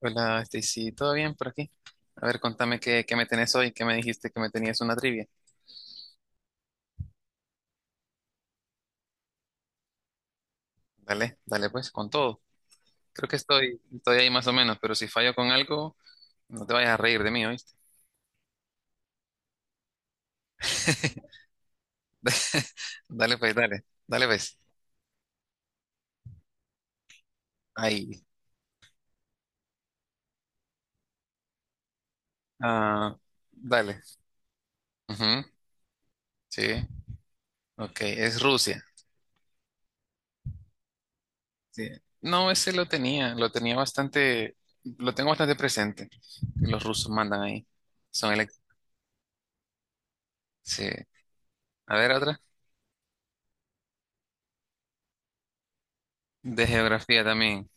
Hola, Stacy, ¿todo bien por aquí? A ver, contame qué me tenés hoy, qué me dijiste que me tenías una trivia. Dale, dale pues, con todo. Creo que estoy ahí más o menos, pero si fallo con algo, no te vayas a reír de mí, ¿oíste? Dale pues, dale, dale pues. Ahí. Ah, dale. Ujú, sí, ok, es Rusia. Sí. No, ese lo tenía bastante, lo tengo bastante presente. Los rusos mandan ahí. Son elect... Sí. A ver, otra. De geografía también.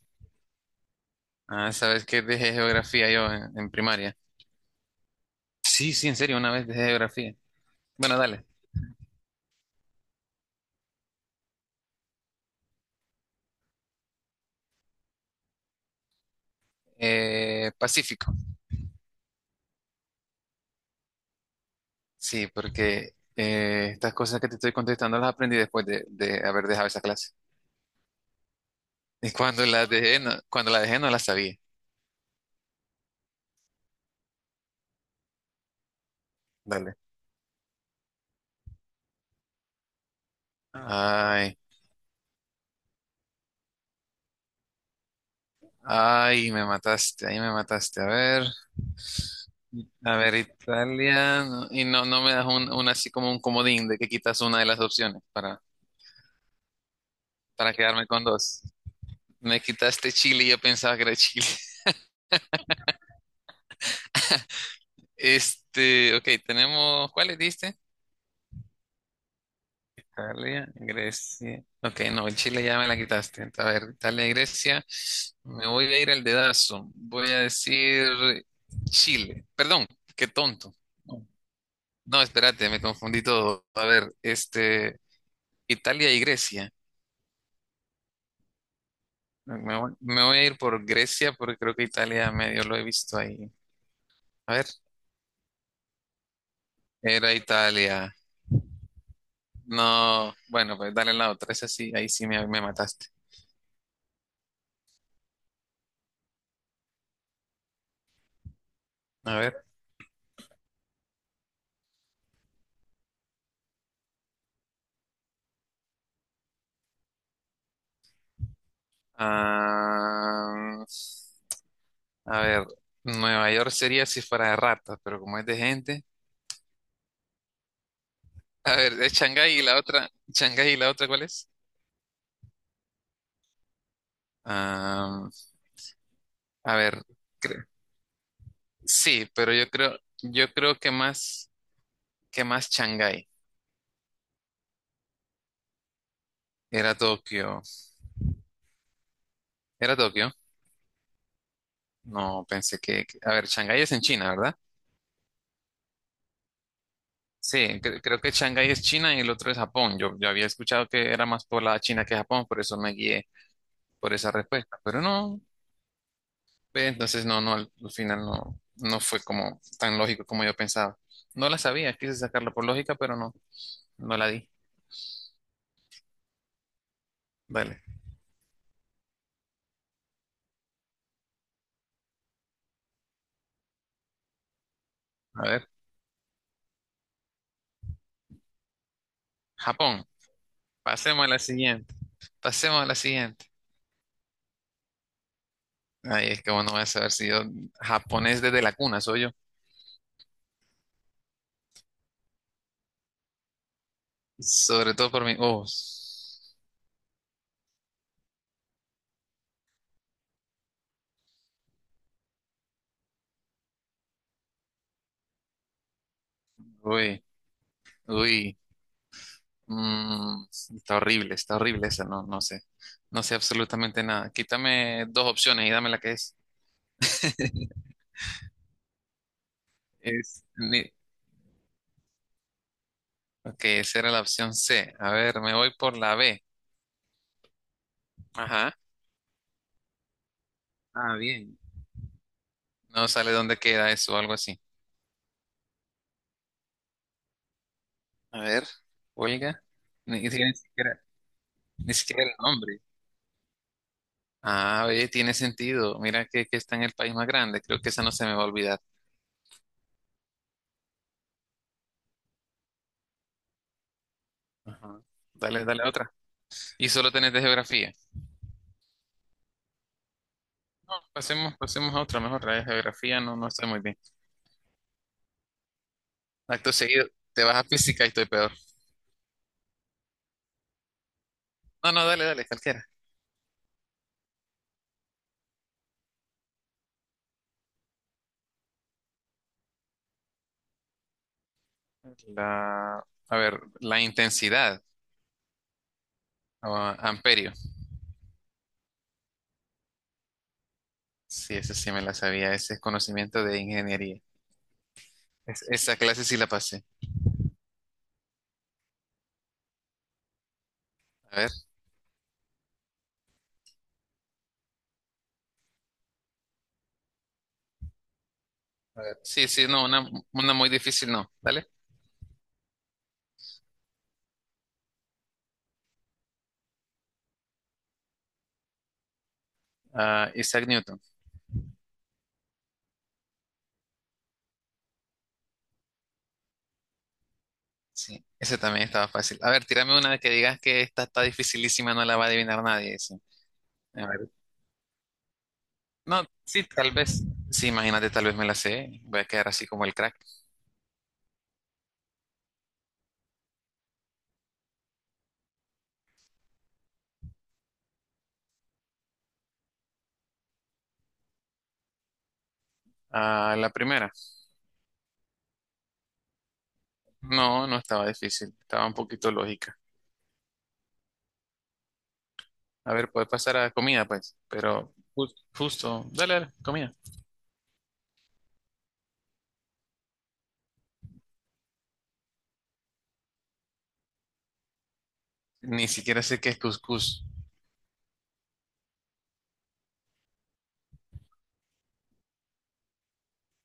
Ah, sabes que dejé geografía yo en primaria. Sí, sí, en serio, una vez dejé geografía. Bueno, dale. Pacífico. Sí, porque estas cosas que te estoy contestando las aprendí después de haber dejado esa clase. Y cuando la dejé, no, cuando la dejé no la sabía. Dale. Ay, ay, me mataste, ahí me mataste. A ver, Italia. No- Y no, no me das un así como un comodín de que quitas una de las opciones para quedarme con dos. Me quitaste Chile y yo pensaba que era Chile. Este, ok, tenemos, ¿cuáles diste? Italia, Grecia. Ok, no, el Chile ya me la quitaste. A ver, Italia, Grecia. Me voy a ir al dedazo. Voy a decir Chile. Perdón, qué tonto. No, espérate, me confundí todo. A ver, este, Italia y Grecia. Me voy a ir por Grecia porque creo que Italia medio lo he visto ahí. A ver, era Italia. No, bueno, pues dale la otra. Esa sí, ahí sí me mataste. A ver. Ah, a ver, Nueva York sería si fuera de ratas, pero como es de gente. A ver, es Shanghái y la otra. ¿Shanghái y la otra cuál es? Ah, a ver, cre- sí, pero yo creo que más Shanghái. Era Tokio. ¿Era Tokio? No, pensé que. Que- A ver, Shanghái es en China, ¿verdad? Sí, cre- creo que Shanghái es China y el otro es Japón. Yo había escuchado que era más poblada China que Japón, por eso me guié por esa respuesta. Pero no, Ve, Entonces, no, no, al final no, no fue como tan lógico como yo pensaba. No la sabía, quise sacarla por lógica, pero no, no la di. Dale, a ver, Japón, pasemos a la siguiente, pasemos a la siguiente. Ay, es que bueno, voy a saber si yo japonés desde la cuna soy yo, sobre todo por mi, oh, uy, uy, mm, está horrible esa, no, no sé, no sé absolutamente nada. Quítame dos opciones y dame la que es. Es ni- Ok, esa era la opción C. A ver, me voy por la B. Ajá. Ah, bien. No sale dónde queda eso o algo así. A ver, huelga. Ni siquiera, ni siquiera el nombre. Ah, oye, tiene sentido. Mira que está en el país más grande. Creo que esa no se me va a olvidar. Ajá. Dale, dale a otra. Y solo tenés de geografía. Pasemos, pasemos a otra mejor. La de geografía no, no estoy muy bien. Acto seguido, te vas a física y estoy peor. No, no, dale, dale, cualquiera. La, a ver, la intensidad o amperio. Sí, ese sí me la sabía, ese es conocimiento de ingeniería. Es- esa clase sí la pasé. A ver, sí, sí, no, una muy difícil no, ¿vale? Ah, Isaac Newton, sí, ese también estaba fácil. A ver, tírame una que digas que esta está dificilísima, no la va a adivinar nadie, sí. A ver, no, sí, tal vez, sí, imagínate, tal vez me la sé, voy a quedar así como el crack. Ah, la primera, no, no estaba difícil, estaba un poquito lógica. A ver, puede pasar a comida, pues, pero ju- justo, dale, dale, comida. Ni siquiera sé qué es cuscús.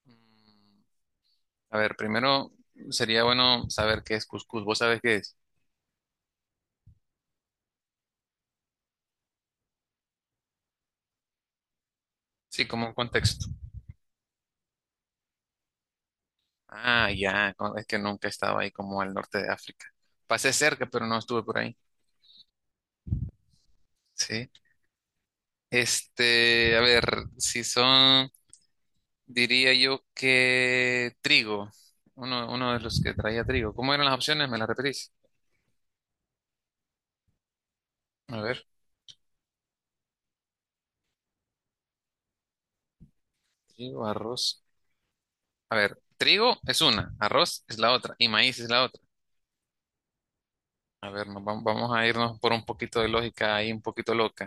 Mm, a ver, primero sería bueno saber qué es cuscús. ¿Vos sabés qué es? Sí, como un contexto. Ah, ya, con- es que nunca estaba ahí como al norte de África. Pasé cerca, pero no estuve por ahí. Sí. Este, a ver, si son, diría yo que trigo. Uno de los que traía trigo. ¿Cómo eran las opciones? ¿Me las repetís? A ver, trigo, arroz. A ver, trigo es una, arroz es la otra y maíz es la otra. A ver, nos vam- vamos a irnos por un poquito de lógica ahí, un poquito loca.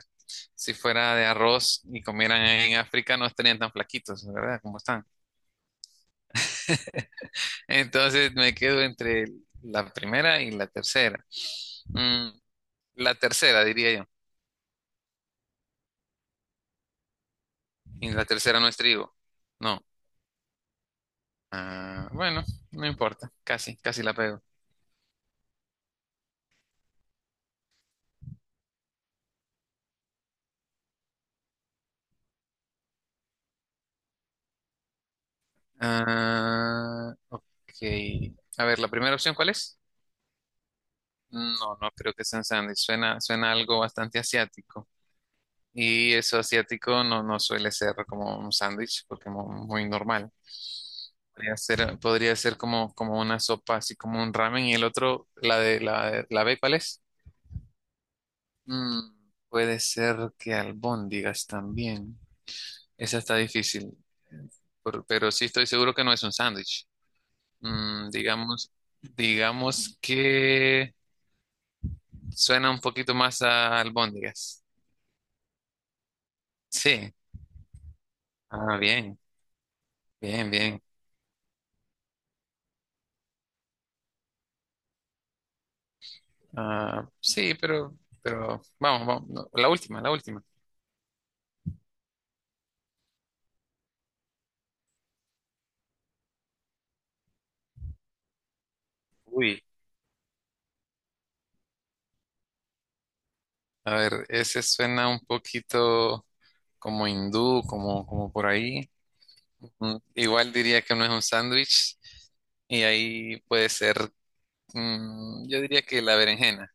Si fuera de arroz y comieran en África, no estarían tan flaquitos, ¿verdad? Como están. Entonces me quedo entre la primera y la tercera. Mm, la tercera, diría yo. Y la tercera no es trigo. No. Ah, bueno, no importa. Casi, casi la pego. Ah, ok. A ver, ¿la primera opción cuál es? No, no creo que sea un sándwich. Suena algo bastante asiático. Y eso asiático no, no suele ser como un sándwich, porque es muy normal. Podría ser como, como una sopa, así como un ramen. Y el otro, la de la, de- la B, ¿cuál es? Mm, puede ser que albóndigas también. Esa está difícil. Por- pero sí estoy seguro que no es un sándwich. Mm, digamos, digamos que suena un poquito más a albóndigas. Sí. Ah, bien, bien, bien. Ah, sí, pero vamos, vamos, no, la última, la última. Uy, a ver, ese suena un poquito como hindú, como, como por ahí. Mm, igual diría que no es un sándwich y ahí puede ser, mm, yo diría que la berenjena.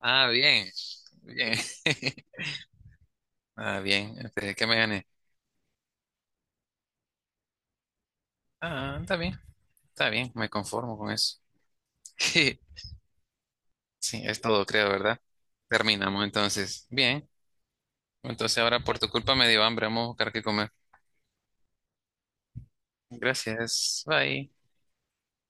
Ah, bien, bien. Ah, bien, esperé que me gané. Ah, está bien, me conformo con eso. Sí, es todo, creo, ¿verdad? Terminamos entonces. Bien. Entonces ahora por tu culpa me dio hambre. Vamos a buscar qué comer. Gracias. Bye.